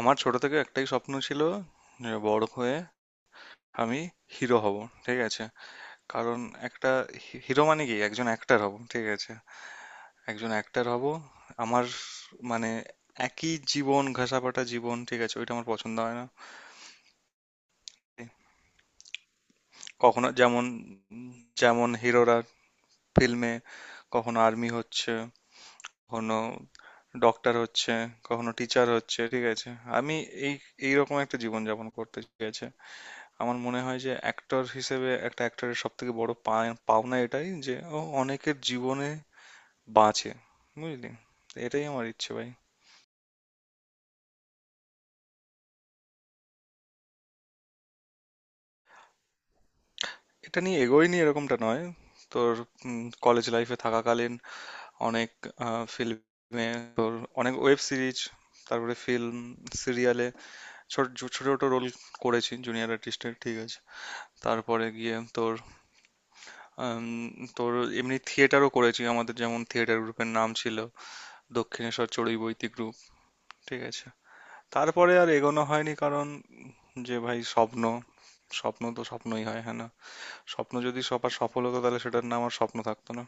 আমার ছোট থেকে একটাই স্বপ্ন ছিল যে বড় হয়ে আমি হিরো হব। ঠিক আছে? কারণ একটা হিরো মানে কি? একজন অ্যাক্টার হব, ঠিক আছে? একজন অ্যাক্টার হব। আমার মানে একই জীবন ঘেঁষাপাটা জীবন, ঠিক আছে, ওইটা আমার পছন্দ হয় না। কখনো যেমন, যেমন হিরোরা ফিল্মে কখনো আর্মি হচ্ছে, কখনো ডক্টর হচ্ছে, কখনো টিচার হচ্ছে, ঠিক আছে? আমি এই এইরকম একটা জীবন যাপন করতে, ঠিক আছে। আমার মনে হয় যে অ্যাক্টর হিসেবে একটা অ্যাক্টরের সব থেকে বড় পাওনা এটাই যে ও অনেকের জীবনে বাঁচে, বুঝলি? তো এটাই আমার ইচ্ছে, ভাই। এটা নিয়ে এগোয়নি এরকমটা নয়। তোর কলেজ লাইফে থাকাকালীন অনেক ফিল্মে, তোর অনেক ওয়েব সিরিজ, তারপরে ফিল্ম, সিরিয়ালে ছোট ছোট ছোট রোল করেছি জুনিয়র আর্টিস্টের, ঠিক আছে? তারপরে গিয়ে তোর আম, তোর এমনি থিয়েটারও করেছি। আমাদের যেমন থিয়েটার গ্রুপের নাম ছিল দক্ষিণেশ্বর চড়ুই বৈদিক গ্রুপ, ঠিক আছে? তারপরে আর এগোনো হয়নি। কারণ যে ভাই, স্বপ্ন স্বপ্ন তো স্বপ্নই হয়, হ্যাঁ না? স্বপ্ন যদি সবার সফল হতো তাহলে সেটার নাম আর স্বপ্ন থাকতো না।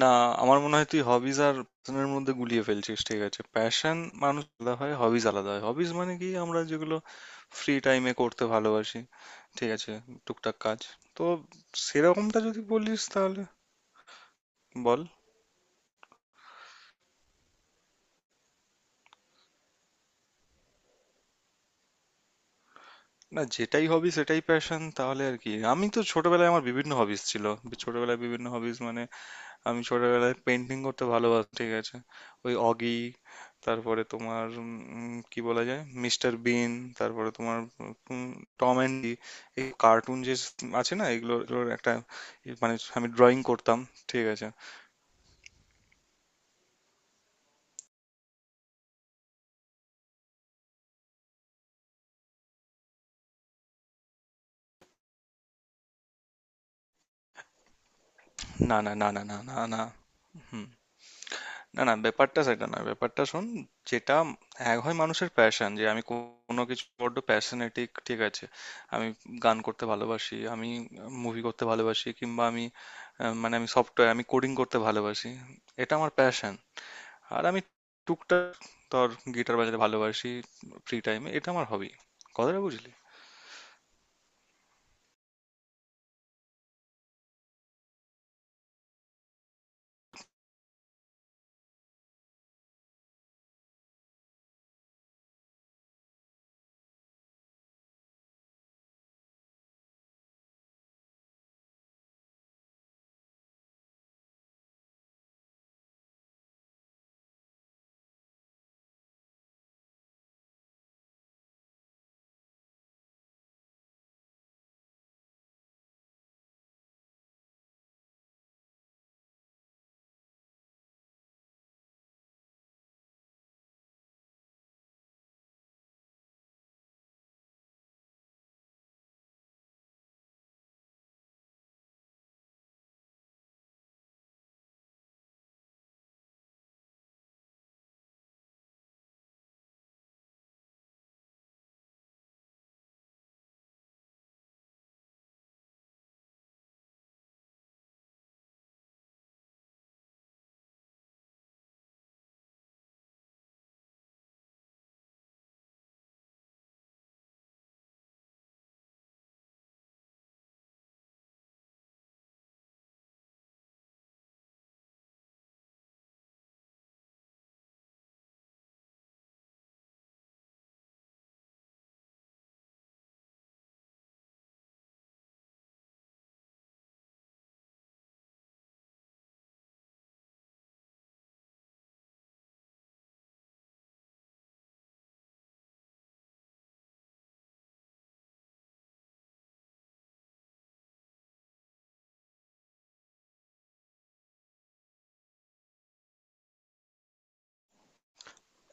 না, আমার মনে হয় তুই হবিজ আর প্যাশনের মধ্যে গুলিয়ে ফেলছিস, ঠিক আছে? প্যাশন মানুষ আলাদা হয়, হবিজ আলাদা হয়। হবিজ মানে কি আমরা যেগুলো ফ্রি টাইমে করতে ভালোবাসি, ঠিক আছে, টুকটাক কাজ। তো সেরকমটা যদি বলিস তাহলে বল। না, যেটাই হবি সেটাই প্যাশন তাহলে আর কি, আমি তো ছোটবেলায় আমার বিভিন্ন হবিস ছিল। ছোটবেলায় বিভিন্ন হবিস মানে আমি ছোটবেলায় পেন্টিং করতে ভালোবাসি, ঠিক আছে? ওই অগি, তারপরে তোমার কি বলা যায়, মিস্টার বিন, তারপরে তোমার উম, টম অ্যান্ড জেরি, এই কার্টুন যে আছে না, এগুলোর এগুলোর একটা মানে আমি ড্রয়িং করতাম, ঠিক আছে? না না না না না না না। হুম। না না, ব্যাপারটা সেটা না, ব্যাপারটা শোন। যেটা এক হয় মানুষের প্যাশন, যে আমি কোনো কিছু বড্ড প্যাশনেটিক, ঠিক আছে? আমি গান করতে ভালোবাসি, আমি মুভি করতে ভালোবাসি, কিংবা আমি মানে আমি সফটওয়্যার, আমি কোডিং করতে ভালোবাসি, এটা আমার প্যাশন। আর আমি টুকটাক ধর গিটার বাজাতে ভালোবাসি ফ্রি টাইমে, এটা আমার হবি। কথাটা বুঝলি?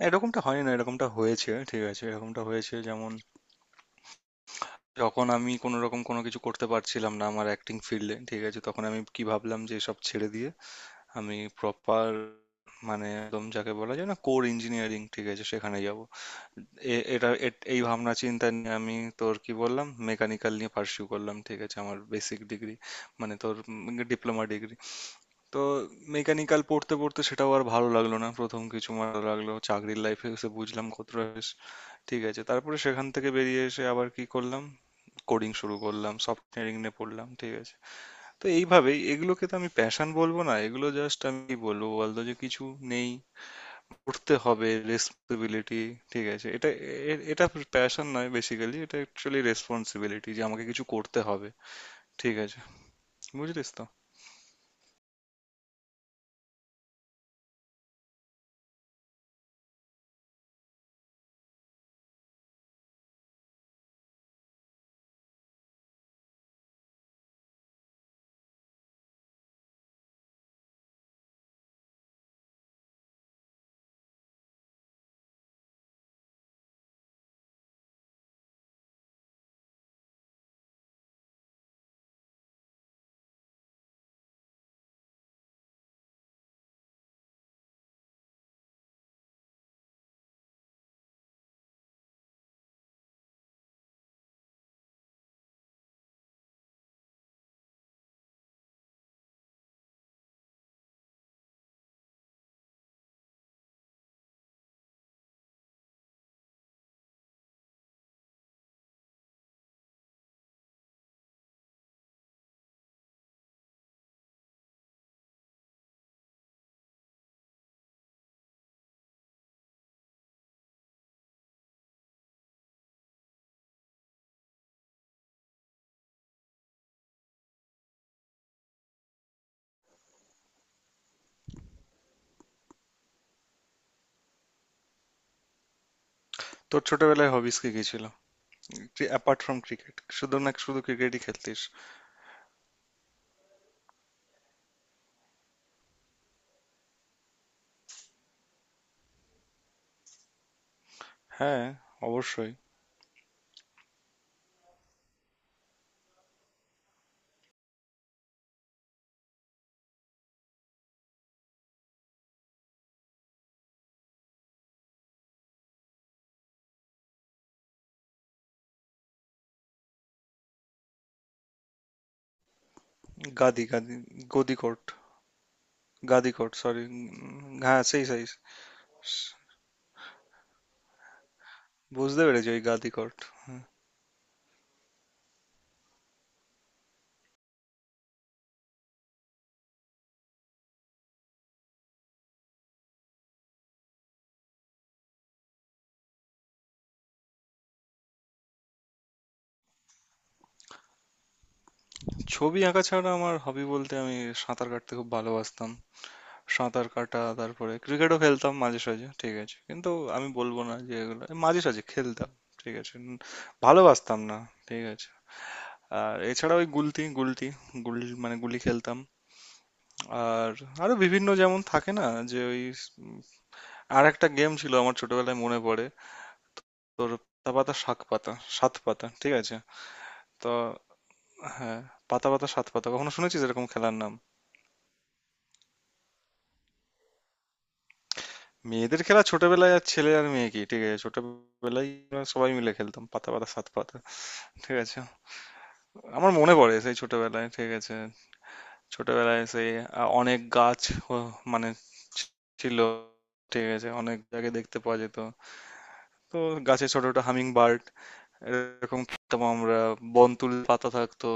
এরকমটা হয় না, এরকমটা হয়েছে, ঠিক আছে? এরকমটা হয়েছে যেমন, যখন আমি কোনো রকম কোনো কিছু করতে পারছিলাম না আমার অ্যাক্টিং ফিল্ডে, ঠিক আছে, তখন আমি কি ভাবলাম যে সব ছেড়ে দিয়ে আমি প্রপার মানে একদম যাকে বলা যায় না কোর ইঞ্জিনিয়ারিং, ঠিক আছে, সেখানে যাব। এটা এই ভাবনা চিন্তা নিয়ে আমি তোর কি বললাম মেকানিক্যাল নিয়ে পার্সিউ করলাম, ঠিক আছে? আমার বেসিক ডিগ্রি মানে তোর ডিপ্লোমা ডিগ্রি। তো মেকানিক্যাল পড়তে পড়তে সেটাও আর ভালো লাগলো না। প্রথম কিছু ভালো লাগলো, চাকরির লাইফে এসে বুঝলাম কতটা বেশ, ঠিক আছে? তারপরে সেখান থেকে বেরিয়ে এসে আবার কি করলাম, কোডিং শুরু করলাম, সফটওয়্যার নিয়ে পড়লাম, ঠিক আছে? তো এইভাবেই এগুলোকে তো আমি প্যাশন বলবো না, এগুলো জাস্ট আমি কি বলবো বলতো, যে কিছু নেই, করতে হবে, রেসপন্সিবিলিটি। ঠিক আছে, এটা এটা প্যাশন নয়, বেসিক্যালি এটা অ্যাকচুয়ালি রেসপন্সিবিলিটি, যে আমাকে কিছু করতে হবে, ঠিক আছে? বুঝলিস তো? তোর ছোটবেলায় হবিস কি কি ছিল, যে অ্যাপার্ট ফ্রম ক্রিকেট, শুধু না, শুধু ক্রিকেটই খেলতিস? হ্যাঁ, অবশ্যই। গাদি গাদি, গদি কোর্ট। গাদি কোর্ট, সরি। হ্যাঁ, সেই সাইজ। বুঝতে পেরেছি, ওই গাদি কোর্ট। ছবি আঁকা ছাড়া আমার হবি বলতে আমি সাঁতার কাটতে খুব ভালোবাসতাম। সাঁতার কাটা, তারপরে ক্রিকেটও খেলতাম মাঝে সাঝে, ঠিক আছে? কিন্তু আমি বলবো না যে এগুলো মাঝে সাঝে খেলতাম, ঠিক আছে। ভালোবাসতাম না, ঠিক আছে। আর এছাড়া ওই গুলতি গুলতি গুল মানে গুলি খেলতাম। আর আরো বিভিন্ন যেমন থাকে না, যে ওই আর একটা গেম ছিল আমার ছোটবেলায় মনে পড়ে তোর, পাতা পাতা শাক পাতা, সাত পাতা, ঠিক আছে? তো হ্যাঁ, পাতা পাতা সাত পাতা কখনো শুনেছিস এরকম খেলার নাম? মেয়েদের খেলা, ছোটবেলায় আর ছেলে আর মেয়ে কি, ঠিক আছে? ছোটবেলায় আমরা সবাই মিলে খেলতাম পাতা পাতা সাত পাতা, ঠিক আছে? আমার মনে পড়ে সেই ছোটবেলায়, ঠিক আছে। ছোটবেলায় সেই অনেক গাছ মানে ছিল, ঠিক আছে, অনেক জায়গায় দেখতে পাওয়া যেত। তো গাছে ছোট ছোট হামিং বার্ড, এরকম খেতাম আমরা। বনতুল পাতা থাকতো,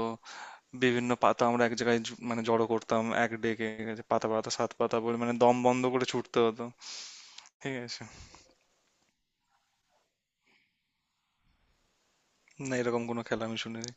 বিভিন্ন পাতা আমরা এক জায়গায় মানে জড়ো করতাম এক ডেকে, ঠিক আছে? পাতা পাতা সাত পাতা বলে, মানে দম বন্ধ করে ছুটতে হতো, ঠিক আছে। না, এরকম কোনো খেলা আমি শুনিনি।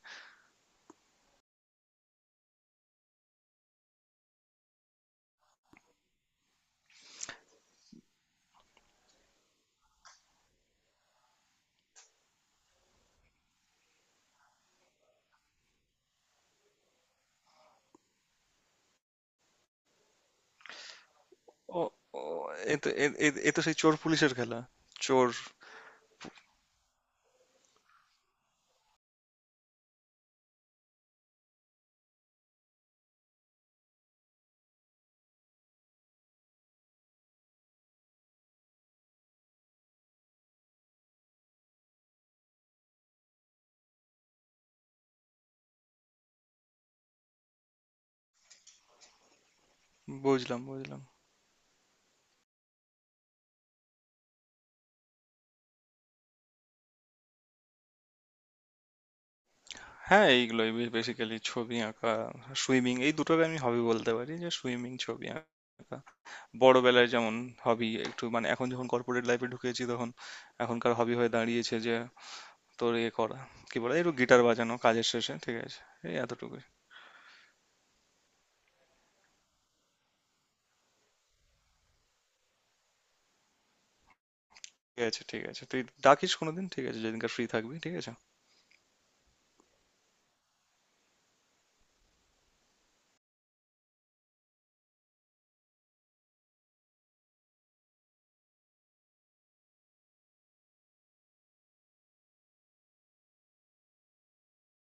ও, ও, এ তো এ এ- এ তো সেই চোর পুলিশের খেলা, চোর। বুঝলাম বুঝলাম। হ্যাঁ, এইগুলোই বেসিক্যালি ছবি আঁকা, সুইমিং, এই দুটোকে আমি হবি বলতে পারি, যে সুইমিং, ছবি আঁকা। বড়বেলায় যেমন হবি একটু মানে এখন যখন কর্পোরেট লাইফে ঢুকেছি তখন এখনকার হবি হয়ে দাঁড়িয়েছে যে তোর ইয়ে করা, কি বলে, একটু গিটার বাজানো কাজের শেষে, ঠিক আছে, এই এতটুকুই। ঠিক আছে ঠিক আছে, তুই ডাকিস কোনোদিন, ঠিক আছে, যেদিনকার ফ্রি থাকবি, ঠিক আছে।